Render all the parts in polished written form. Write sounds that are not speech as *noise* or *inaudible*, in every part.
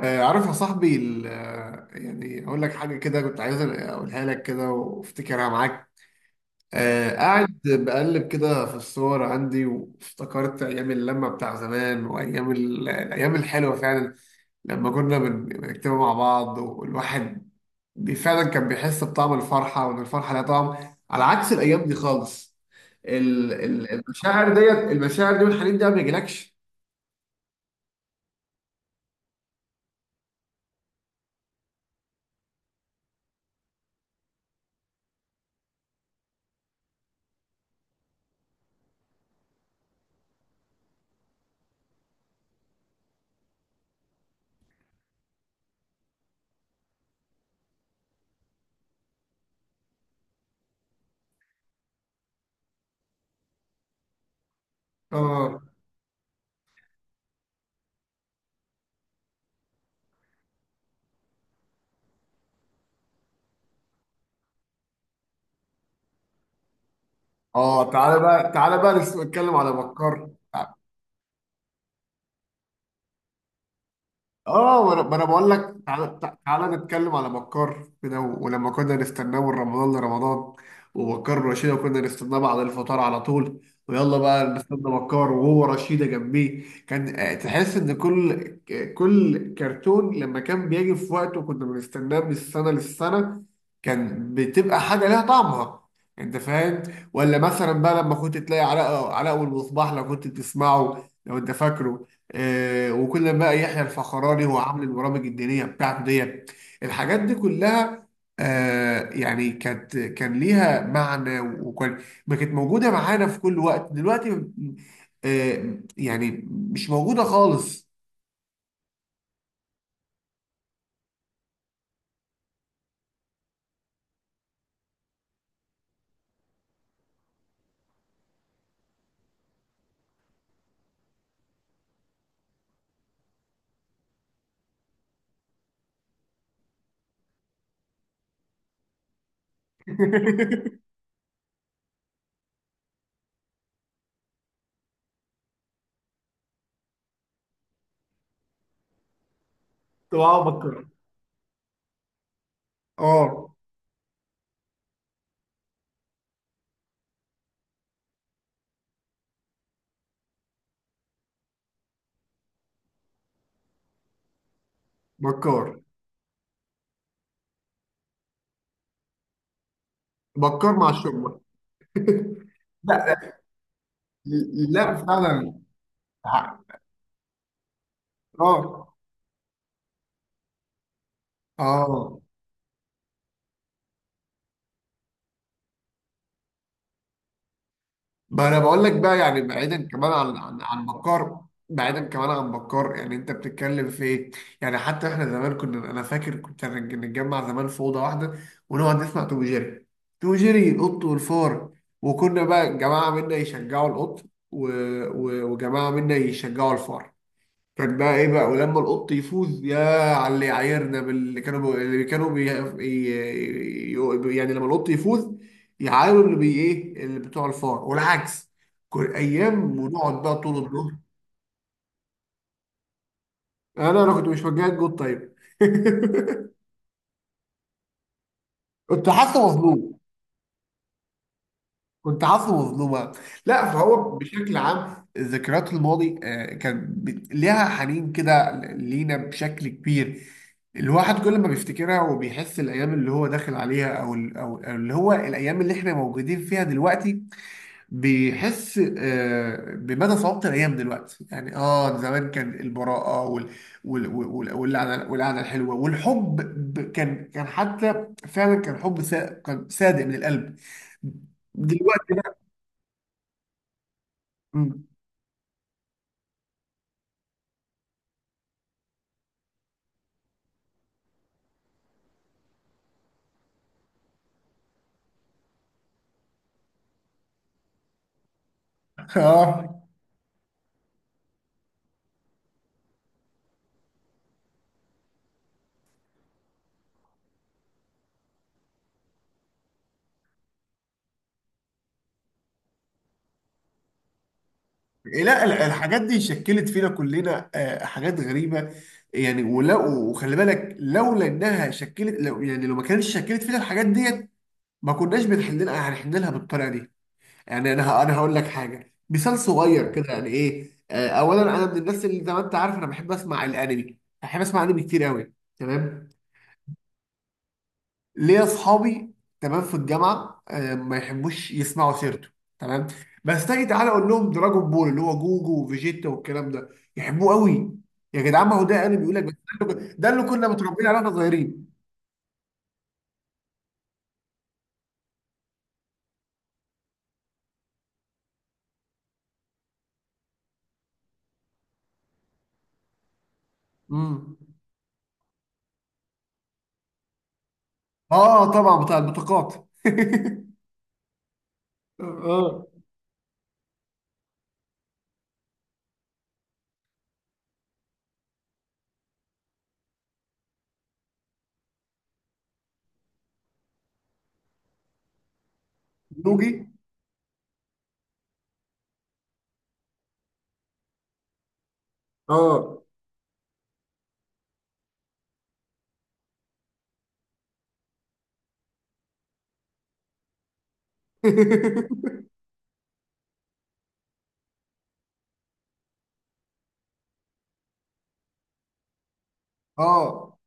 عارف يا صاحبي يعني اقول لك حاجه كده، كنت عايز اقولها لك كده وافتكرها معاك. قاعد بقلب كده في الصور عندي وافتكرت ايام اللمه بتاع زمان وايام الايام الحلوه فعلا. لما كنا بنكتبها مع بعض والواحد فعلا كان بيحس بطعم الفرحه، وان الفرحه لها طعم، على عكس الايام دي خالص. المشاعر دي والحنين ده ما بيجيلكش. اه. اه، تعالى بقى تعالى بقى نتكلم على بكار. اه، وانا ما أنا بقول لك تعالى، تعالى نتكلم على مكار كده، ولما كنا نستناه من رمضان لرمضان ومكار ورشيدة، وكنا نستناه بعد الفطار على طول. ويلا بقى نستنى مكار وهو رشيدة جنبيه، كان تحس ان كل كرتون لما كان بيجي في وقته كنا بنستناه من السنة للسنة. كان بتبقى حاجة ليها طعمها، انت فاهم؟ ولا مثلا بقى لما كنت تلاقي علاء، علاء والمصباح، لو كنت بتسمعه، لو انت فاكره. وكل بقى يحيى الفخراني هو عامل البرامج الدينيه بتاعته ديت، الحاجات دي كلها. يعني كان ليها معنى، وكان ما كانت موجوده معانا في كل وقت دلوقتي. يعني مش موجوده خالص. *laughs* طبعا بكر. اه بكار. بكار مع الشرطه. *laughs* لا، لا فعلا. اه. اه، ما انا بقول لك بقى، يعني بعيدا كمان عن بكار، بعيدا كمان عن بكار، يعني انت بتتكلم في ايه؟ يعني حتى احنا زمان كنا، انا فاكر، كنت نتجمع زمان في اوضه واحده، ونقعد نسمع توم جيري، توم جيري القط والفار. وكنا بقى جماعه منا يشجعوا القط، و... وجماعه منا يشجعوا الفار. كان بقى ايه بقى، ولما القط يفوز يا، على اللي يعايرنا، باللي كانوا بي... اللي كانوا بي... ي... ي- يعني لما القط يفوز يعايروا اللي بي ايه، اللي بتوع الفار والعكس، كل ايام ونقعد بقى طول الظهر. انا كنت مش مجاهد جود طيب. *laughs* كنت حاسه مظلوم. كنت حافظه مظلومة. لا، فهو بشكل عام ذكريات الماضي كان ليها حنين كده لينا بشكل كبير. الواحد كل ما بيفتكرها، وبيحس الايام اللي هو داخل عليها، او اللي هو الايام اللي احنا موجودين فيها دلوقتي، بيحس بمدى صعوبة الايام دلوقتي. يعني زمان كان البراءة واللعنة الحلوة والحب. كان حتى فعلا كان حب كان صادق من القلب. دلوقتي. مم. اه. لا، الحاجات دي شكلت فينا كلنا حاجات غريبه. يعني ولا، وخلي بالك، لولا انها شكلت، لو يعني لو ما كانتش شكلت فينا الحاجات ديت، ما كناش بنحل لها، هنحل لها بالطريقه دي. يعني انا هقول لك حاجه، مثال صغير كده يعني ايه. اولا انا من الناس اللي زي ما انت عارف انا بحب اسمع الانمي، بحب اسمع انمي كتير قوي. تمام، ليا اصحابي. تمام، في الجامعه ما يحبوش يسمعوا سيرته. تمام. بس تيجي تعالى اقول لهم دراجون بول، اللي هو جوجو وفيجيتا والكلام ده، يحبوه قوي. يا جدعان، ما هو ده انا بيقول لك بس، ده اللي، ده اللي كنا متربيين عليه واحنا صغيرين. امم اه، طبعا، بتاع البطاقات. *laughs* اه، نوجي. اه. *laughs* اه،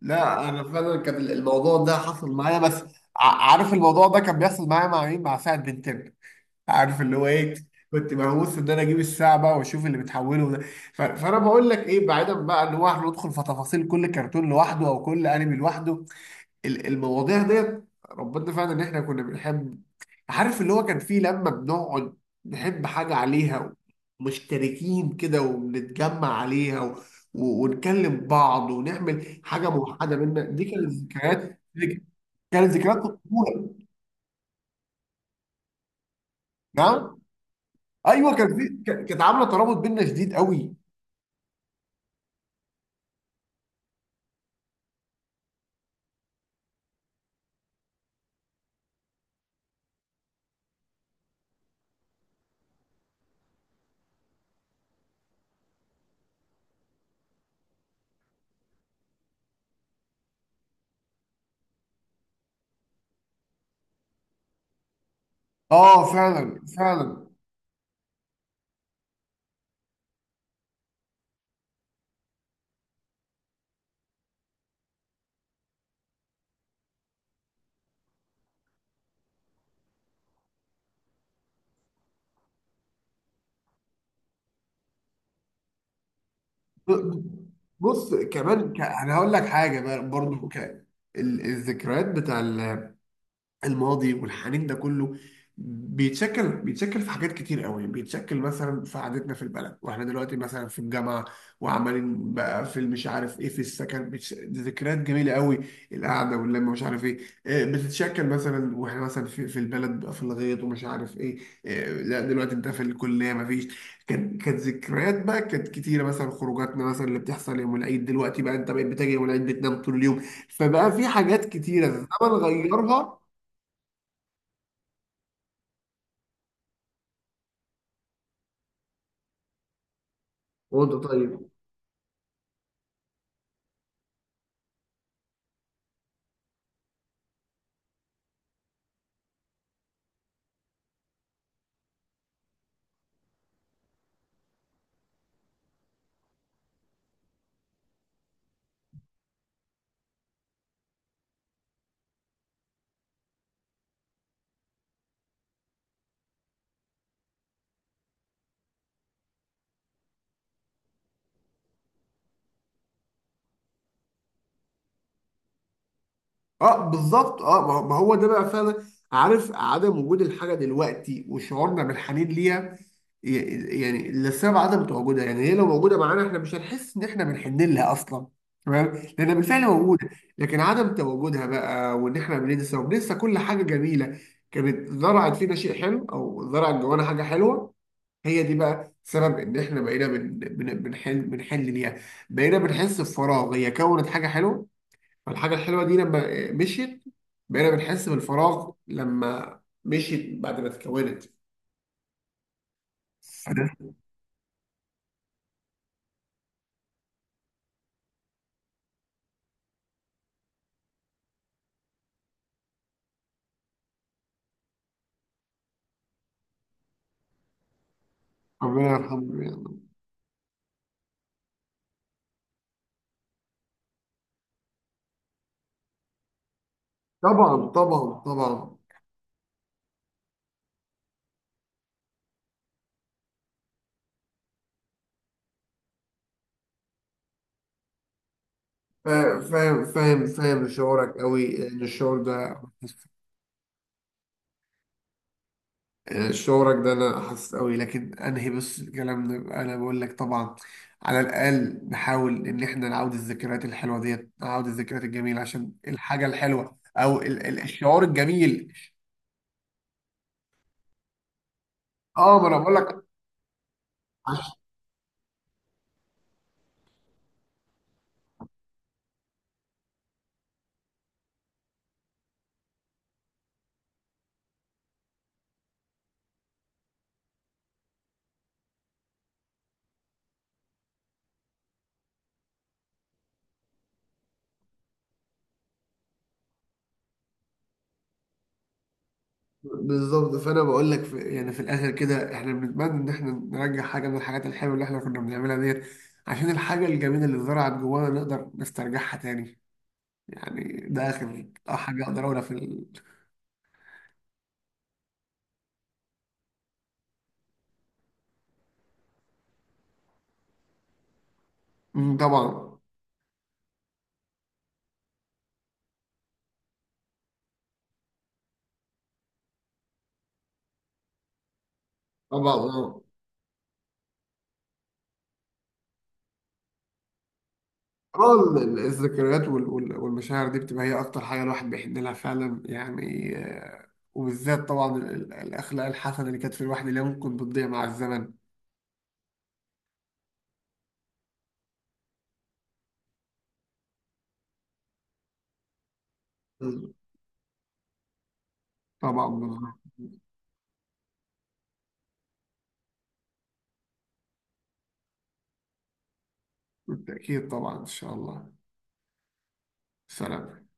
لا، انا فعلا كان الموضوع ده حصل معايا بس. عارف الموضوع ده كان بيحصل معايا مع مين، مع سعد بنتين. عارف اللي هو ايه. كنت مهووس ان انا اجيب الساعه بقى واشوف اللي بتحوله ده. فانا بقول لك ايه، بعيدا بقى ان هو احنا ندخل في تفاصيل كل كرتون لوحده، او كل انمي لوحده. المواضيع ديت، ربنا، فعلا ان احنا كنا بنحب. عارف اللي هو كان فيه لما بنقعد نحب حاجه عليها، مشتركين كده وبنتجمع عليها، ونكلم بعض، ونعمل حاجه موحده بينا، دي كانت ذكريات، دي كانت ذكريات الطفوله. نعم. ايوه، كان في كانت عامله ترابط بينا شديد قوي. اه، فعلا فعلا. ب- ب- بص، كمان انا هقول لك حاجه بقى برضو. الذكريات بتاع الماضي والحنين ده كله، بيتشكل في حاجات كتير قوي. بيتشكل مثلا في قعدتنا في البلد واحنا دلوقتي مثلا في الجامعه، وعمالين بقى في مش عارف ايه، في السكن دي ذكريات جميله قوي، القعده واللمه مش عارف ايه. بتتشكل مثلا، واحنا مثلا في البلد بقى، في الغيط ومش عارف ايه. لا، دلوقتي انت في الكليه مفيش. كانت ذكريات بقى، كانت كتيره. مثلا خروجاتنا مثلا اللي بتحصل يوم العيد، دلوقتي بقى انت بقيت بتاجي يوم العيد بتنام طول اليوم. فبقى في حاجات كتيره الزمن غيرها. وانت طيب. اه، بالظبط، اه، ما هو ده بقى فعلا. عارف، عدم وجود الحاجه دلوقتي وشعورنا بالحنين ليها، يعني لسبب عدم تواجدها، يعني هي لو موجوده معانا احنا مش هنحس ان احنا بنحن لها اصلا، تمام، لانها بالفعل موجوده. لكن عدم تواجدها بقى، وان احنا بننسى، وبننسى كل حاجه جميله كانت زرعت فينا شيء حلو، او زرعت جوانا حاجه حلوه، هي دي بقى سبب ان احنا بقينا بنحن ليها، بقينا بنحس بفراغ. هي كونت حاجه حلوه، فالحاجة الحلوة دي لما مشيت، بقينا بنحس بالفراغ لما مشيت بعد ما اتكونت. عرفت؟ ربنا يرحمه يعني. طبعا، طبعا، طبعا. فاهم فاهم فاهم شعورك قوي، ان الشعور ده. *laughs* شعورك ده انا حاسس قوي، لكن انهي بس، الكلام ده انا بقول لك، طبعا على الاقل نحاول ان احنا نعود الذكريات الحلوه ديت، نعود الذكريات الجميله عشان الحاجه الحلوه، او الشعور الجميل. اه، ما انا بقول لك. بالظبط، فانا بقول لك في، يعني في الاخر كده، احنا بنتمنى ان احنا نرجع حاجه من الحاجات الحلوه اللي احنا كنا بنعملها ديت، عشان الحاجه الجميله اللي زرعت جوانا نقدر نسترجعها تاني. يعني ده اخر حاجه اقدر اقولها في ال... مم، طبعا. طبعا، اه. الذكريات والمشاعر دي بتبقى هي اكتر حاجه الواحد بيحن لها فعلا، يعني وبالذات طبعا الاخلاق الحسنه اللي كانت في الواحد، اللي ممكن بتضيع مع الزمن. طبعا، بالظبط. بالتاكيد طبعا ان شاء الله. سلام.